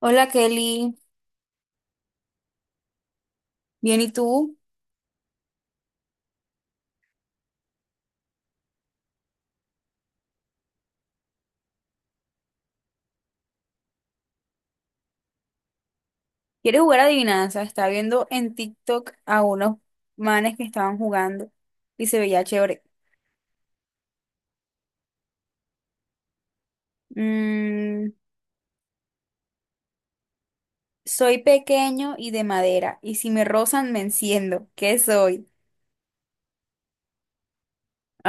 Hola Kelly, bien ¿y tú? ¿Quieres jugar adivinanza? Estaba viendo en TikTok a unos manes que estaban jugando y se veía chévere. Mm, Soy pequeño y de madera y si me rozan me enciendo. ¿Qué soy?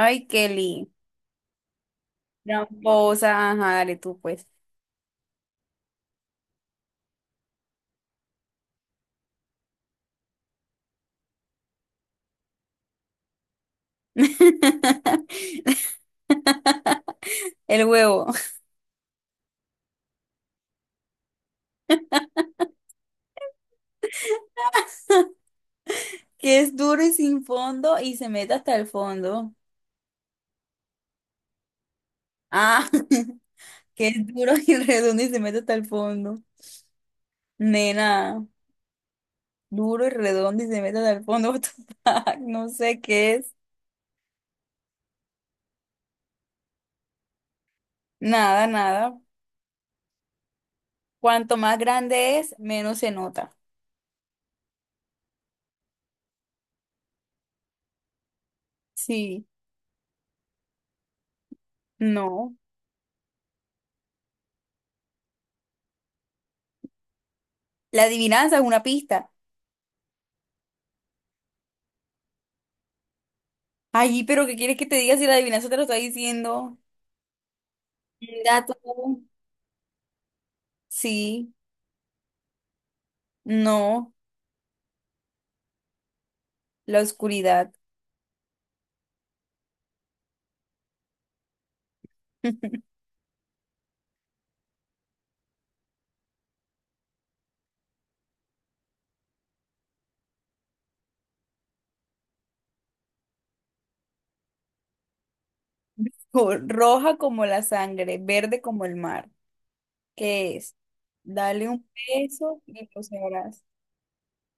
Ay Kelly, tramposa, ajá, dale tú pues. El huevo, que es duro y sin fondo y se mete hasta el fondo. Ah, que es duro y redondo y se mete hasta el fondo. Nena, duro y redondo y se meten al fondo. What the fuck, no sé qué es. Nada, nada. Cuanto más grande es, menos se nota. Sí, no. La adivinanza es una pista. Ay, pero ¿qué quieres que te diga si la adivinanza te lo está diciendo? Un gato. Sí, no. La oscuridad. Roja como la sangre, verde como el mar. ¿Qué es? Dale un peso y lo sabrás.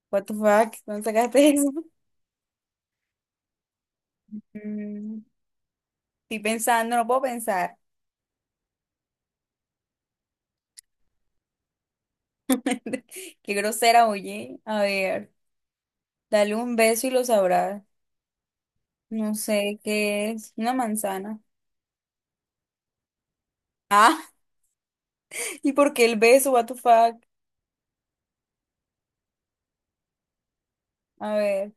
What the fuck? ¿Dónde sacaste eso? Mm, Estoy pensando, no puedo pensar. Qué grosera, oye. A ver, dale un beso y lo sabrás. No sé qué es. Una manzana. Ah, ¿y por qué el beso? What the fuck? A ver.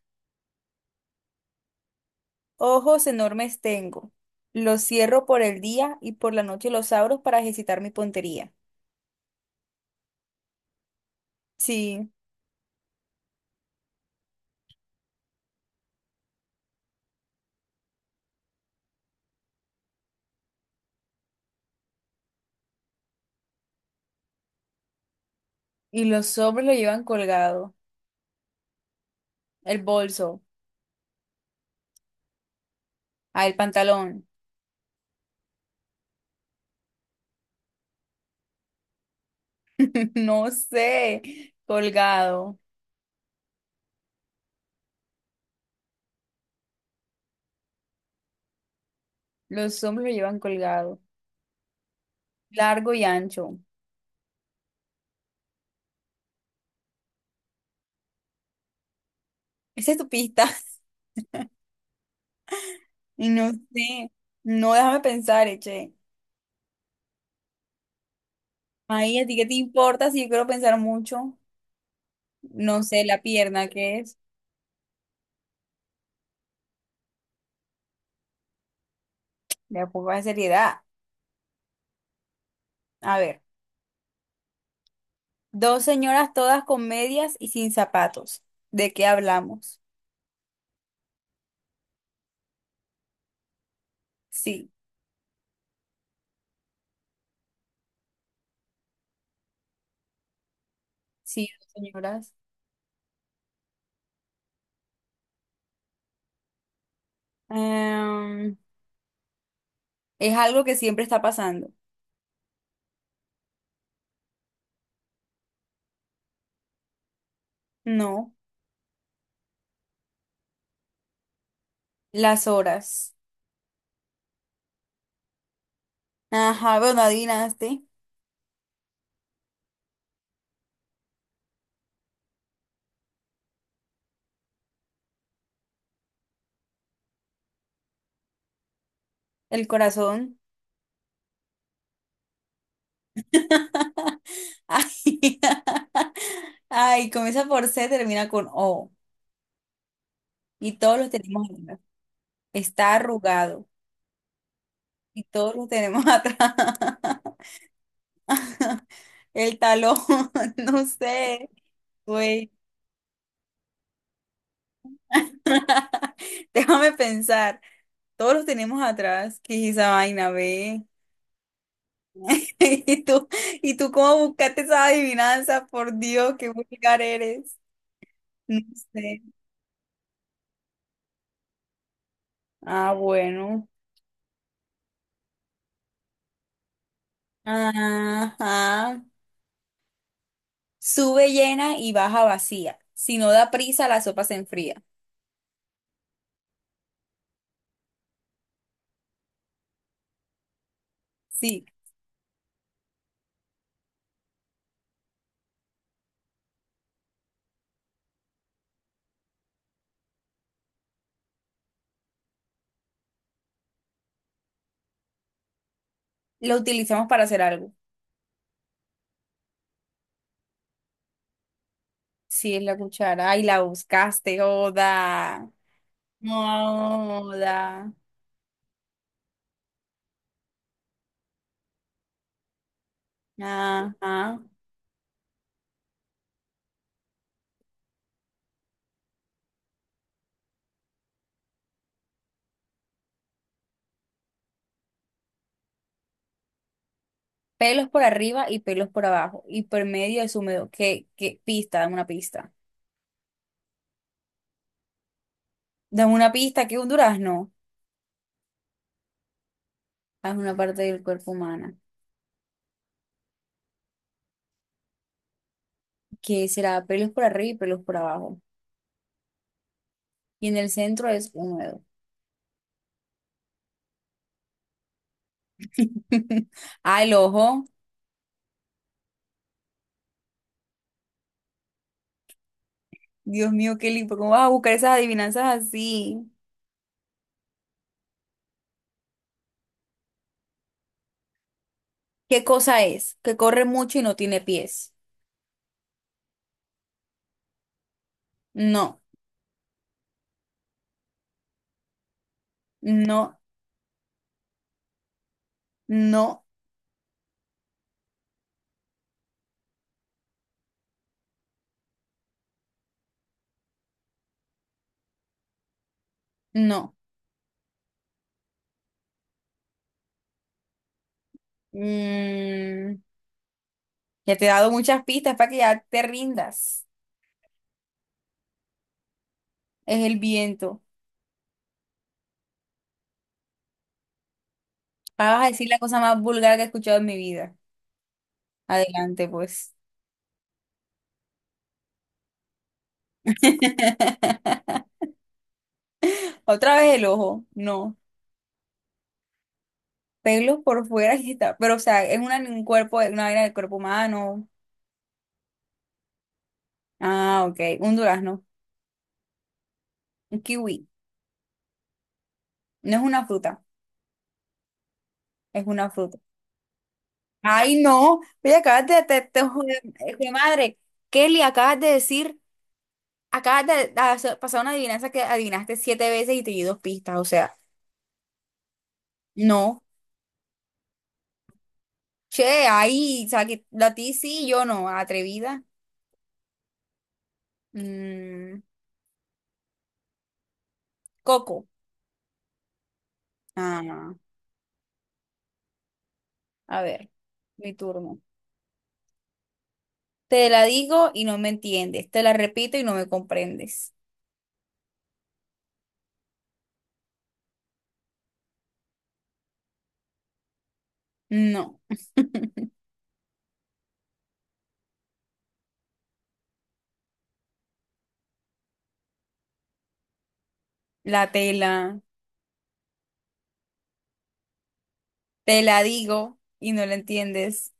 Ojos enormes tengo. Los cierro por el día y por la noche los abro para ejercitar mi puntería. Sí, y los hombres lo llevan colgado. El bolso. Ah, el pantalón. No sé. Colgado. Los hombres lo llevan colgado. Largo y ancho. Esa es tu pista. Y no sé. No, déjame pensar, che. Ay, ¿a ti qué te importa si yo quiero pensar mucho? No sé, la pierna, ¿qué es? De a poco de seriedad. A ver. Dos señoras todas con medias y sin zapatos. ¿De qué hablamos? Sí, sí, dos señoras. Em, es algo que siempre está pasando. No. Las horas. Ajá, bueno, adivinaste. El corazón. Ay, ay, comienza por C, termina con O. Y todos los tenemos atrás. Está arrugado y todos los tenemos atrás. El talón, no sé, güey. Déjame pensar. Todos los tenemos atrás. ¿Qué es esa vaina, ve? ¿Y tú, y tú cómo buscaste esa adivinanza? Por Dios, qué vulgar eres. No sé. Ah, bueno. Ajá. Sube llena y baja vacía. Si no da prisa, la sopa se enfría. Sí, lo utilizamos para hacer algo. Sí, es la cuchara. Ay, la buscaste, Oda. No, Oda. Ajá. Pelos por arriba y pelos por abajo. Y por medio es húmedo. ¿Qué pista? Dame una pista. Dame una pista, que es un durazno. Es una parte del cuerpo humana. Que será pelos por arriba y pelos por abajo. Y en el centro es húmedo. Ah, el ojo. Dios mío, qué lindo. ¿Cómo vas a buscar esas adivinanzas así? ¿Qué cosa es? Que corre mucho y no tiene pies. No, no, no. No. Mm, ya te he dado muchas pistas para que ya te rindas. Es el viento. Ah, vas a decir la cosa más vulgar que he escuchado en mi vida. Adelante, pues. Otra vez el ojo. No. Pelos por fuera y está. Pero, o sea, es una, un cuerpo, una vaina del cuerpo humano. Ah, ok. Un durazno. Un kiwi. No es una fruta. Es una fruta. Ay, no. Oye, acabas de, joder, jue madre. Kelly, acabas de decir. Pasar una adivinanza que adivinaste 7 veces y te di 2 pistas, o sea, no. Che, ahí, o sea, que a ti sí, yo no, atrevida. Mm, Coco. Ah, a ver, mi turno. Te la digo y no me entiendes, te la repito y no me comprendes. No, la tela, te la digo y no la entiendes.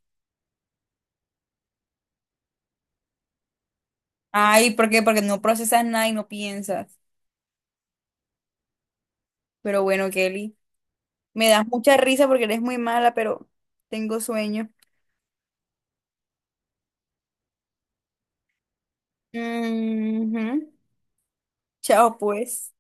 Ay, ¿por qué? Porque no procesas nada y no piensas. Pero bueno, Kelly, me das mucha risa porque eres muy mala, pero tengo sueño. Ujú. Chao, pues.